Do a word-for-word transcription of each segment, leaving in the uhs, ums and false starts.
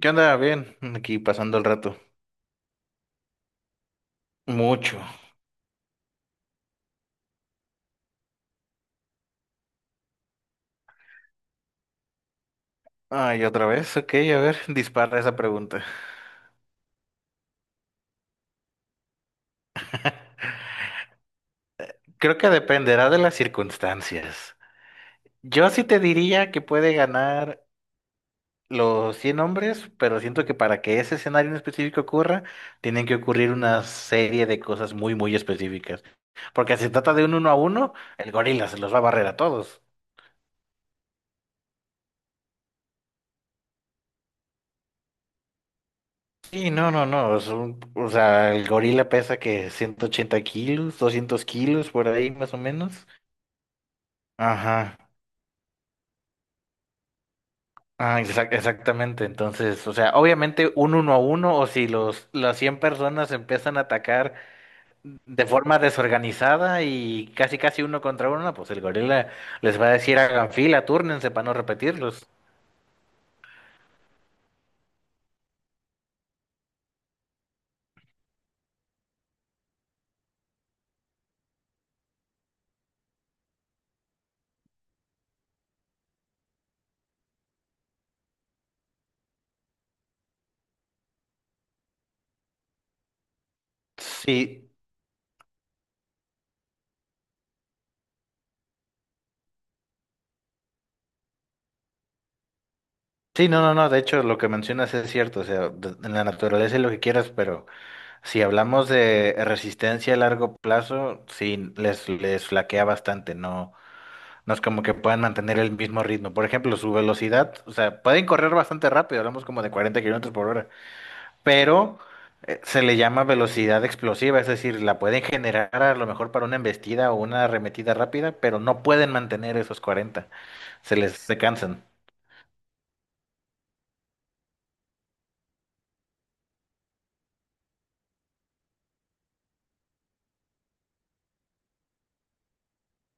¿Qué onda? Bien, aquí pasando el rato. Mucho. Ay, otra vez. Ok, a ver, dispara esa pregunta. Creo que dependerá de las circunstancias. Yo sí te diría que puede ganar los cien hombres, pero siento que para que ese escenario en específico ocurra, tienen que ocurrir una serie de cosas muy, muy específicas. Porque si se trata de un uno a uno, el gorila se los va a barrer a todos. Sí, no, no, no. es un- o sea, el gorila pesa que ciento ochenta kilos, doscientos kilos, por ahí más o menos. Ajá. Ah, exac- exactamente. Entonces, o sea, obviamente un uno a uno, o si los, las cien personas empiezan a atacar de forma desorganizada y casi casi uno contra uno, pues el gorila les va a decir hagan fila, túrnense para no repetirlos. Sí, sí, no, no, no, de hecho lo que mencionas es cierto, o sea, de- en la naturaleza es lo que quieras, pero si hablamos de resistencia a largo plazo, sí, les, les flaquea bastante, no. No es como que puedan mantener el mismo ritmo. Por ejemplo, su velocidad, o sea, pueden correr bastante rápido, hablamos como de cuarenta kilómetros por hora, pero eh, se le llama velocidad explosiva, es decir, la pueden generar a lo mejor para una embestida o una arremetida rápida, pero no pueden mantener esos cuarenta, se les se cansan.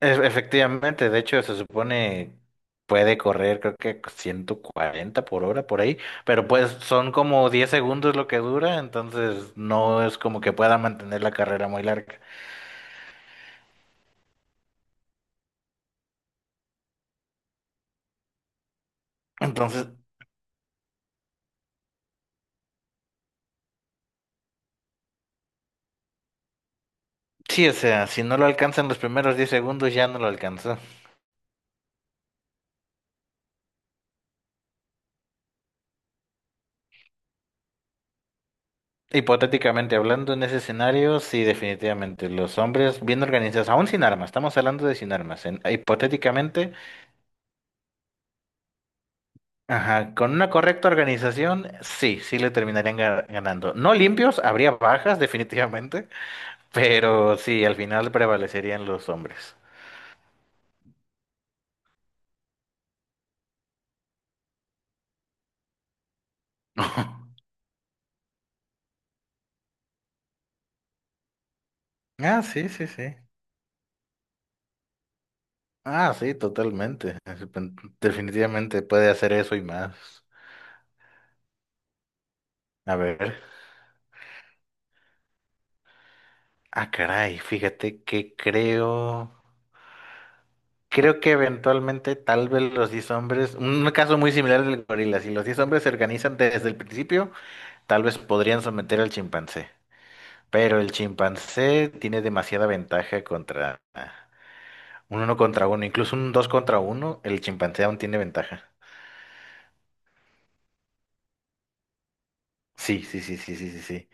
E- efectivamente, de hecho, se supone puede correr, creo que ciento cuarenta por hora por ahí, pero pues son como diez segundos lo que dura, entonces no es como que pueda mantener la carrera muy larga. Entonces, sí, o sea, si no lo alcanzan los primeros diez segundos, ya no lo alcanzó. Hipotéticamente hablando en ese escenario, sí, definitivamente. Los hombres bien organizados, aún sin armas, estamos hablando de sin armas. en- hipotéticamente, ajá, con una correcta organización, sí, sí le terminarían ga- ganando. No limpios, habría bajas, definitivamente, pero sí, al final prevalecerían los hombres. Ah, sí, sí, sí. Ah, sí, totalmente. Definitivamente puede hacer eso y más. A ver. Ah, caray, fíjate que creo, creo que eventualmente tal vez los diez hombres, un caso muy similar del gorila, si los diez hombres se organizan desde el principio, tal vez podrían someter al chimpancé, pero el chimpancé tiene demasiada ventaja contra un uno contra uno, incluso un dos contra uno, el chimpancé aún tiene ventaja. Sí, sí, sí, sí, sí, sí, sí.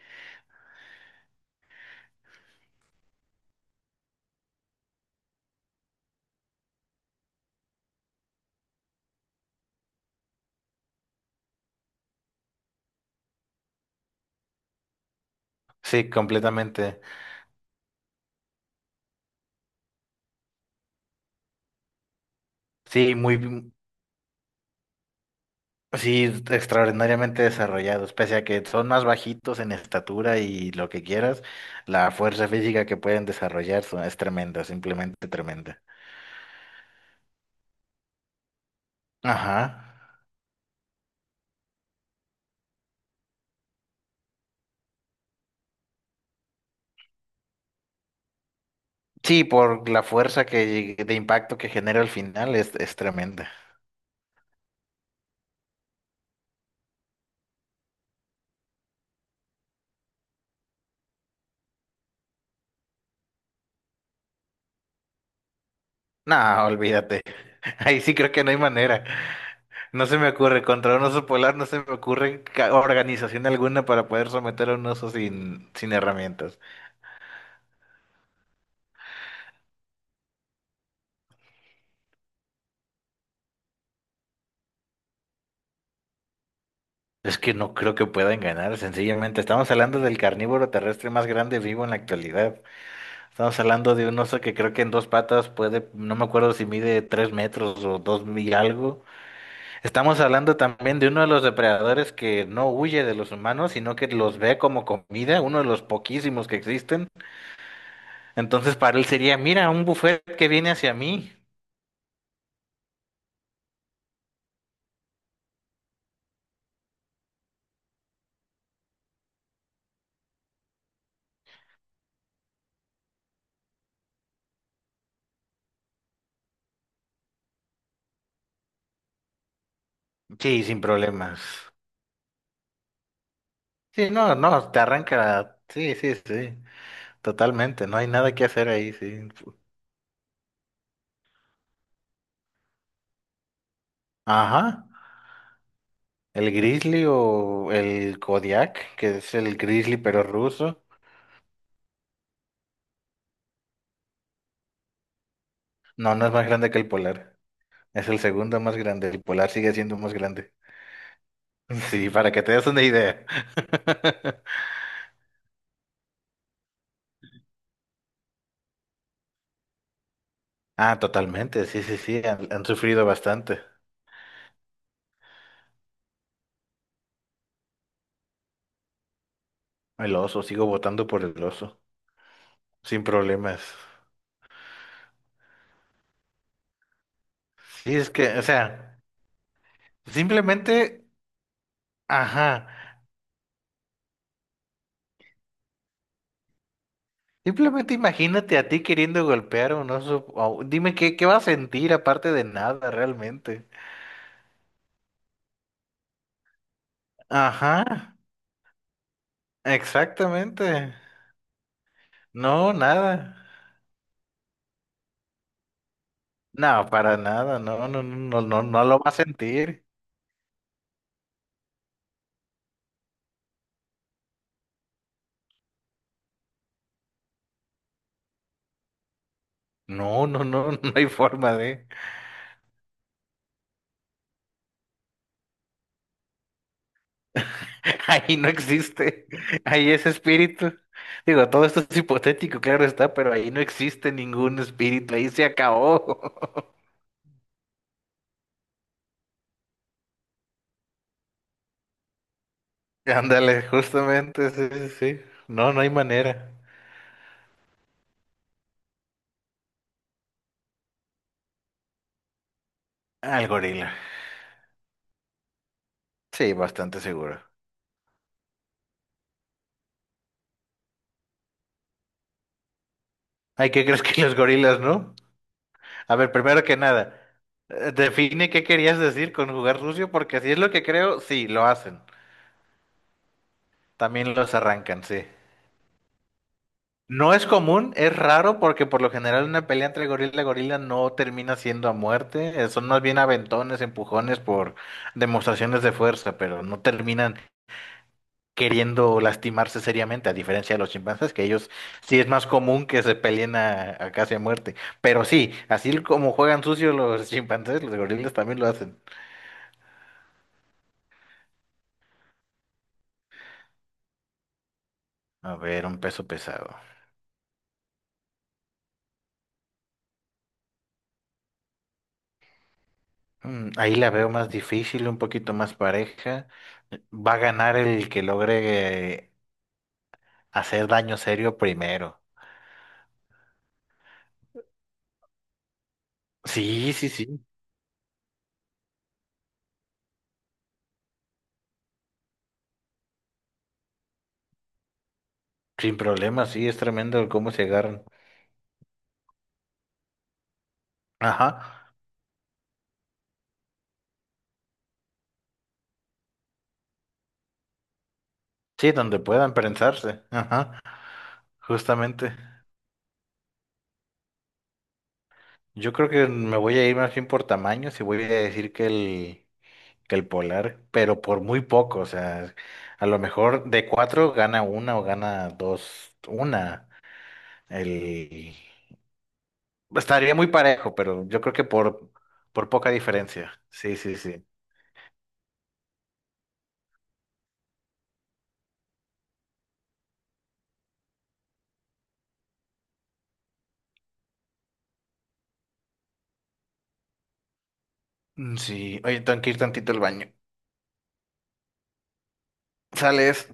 Sí, completamente. Sí, muy. Sí, extraordinariamente desarrollados, pese a que son más bajitos en estatura y lo que quieras, la fuerza física que pueden desarrollar son- es tremenda, simplemente tremenda. Ajá. Sí, por la fuerza que, de impacto que genera al final es, es tremenda. No, olvídate. Ahí sí creo que no hay manera. No se me ocurre, contra un oso polar no se me ocurre ca- organización alguna para poder someter a un oso sin, sin herramientas. Es que no creo que puedan ganar, sencillamente. Estamos hablando del carnívoro terrestre más grande vivo en la actualidad. Estamos hablando de un oso que creo que en dos patas puede, no me acuerdo si mide tres metros o dos y algo. Estamos hablando también de uno de los depredadores que no huye de los humanos, sino que los ve como comida, uno de los poquísimos que existen. Entonces para él sería, mira, un buffet que viene hacia mí. Sí, sin problemas. Sí, no, no, te arranca. Sí, sí, sí. Totalmente, no hay nada que hacer ahí, sí. Ajá, el grizzly o el Kodiak, que es el grizzly pero ruso. No, no es más grande que el polar. Es el segundo más grande. El polar sigue siendo más grande. Sí, para que te des una idea. Ah, totalmente. Sí, sí, sí. Han, han sufrido bastante. El oso, sigo votando por el oso. Sin problemas. Sí, es que, o sea, simplemente, ajá. Simplemente imagínate a ti queriendo golpear a un oso. o- dime qué, qué va a sentir aparte de nada realmente. Ajá, exactamente. No, nada. No, para nada. No, no, no, no, no, no lo va a sentir. No, no, no, no hay forma de. Ahí no existe. Ahí es espíritu. Digo, todo esto es hipotético, claro está, pero ahí no existe ningún espíritu. Ahí se acabó. Ándale, justamente, sí, sí, sí. No, no hay manera. Al gorila. Sí, bastante seguro. Ay, ¿qué crees que los gorilas, no? A ver, primero que nada, eh, define qué querías decir con jugar sucio, porque si es lo que creo, sí, lo hacen. También los arrancan, sí. No es común, es raro, porque por lo general una pelea entre gorila y gorila no termina siendo a muerte. eh, Son más bien aventones, empujones por demostraciones de fuerza, pero no terminan queriendo lastimarse seriamente, a diferencia de los chimpancés, que ellos sí es más común que se peleen a, a, casi a muerte. Pero sí, así como juegan sucio los chimpancés, los gorilas también lo hacen. A ver, un peso pesado. Mm, ahí la veo más difícil, un poquito más pareja. Va a ganar el que logre eh, hacer daño serio primero. Sí, sí, sí. Sin problema, sí, es tremendo el cómo se agarran. Ajá. Sí, donde puedan prensarse. Ajá. Justamente. Yo creo que me voy a ir más bien por tamaños y voy a decir que el, que el polar, pero por muy poco. O sea, a lo mejor de cuatro gana una o gana dos, una. El... Estaría muy parejo, pero yo creo que por, por poca diferencia. Sí, sí, sí. Mm, sí. Oye, tengo que ir tantito al baño. Sales.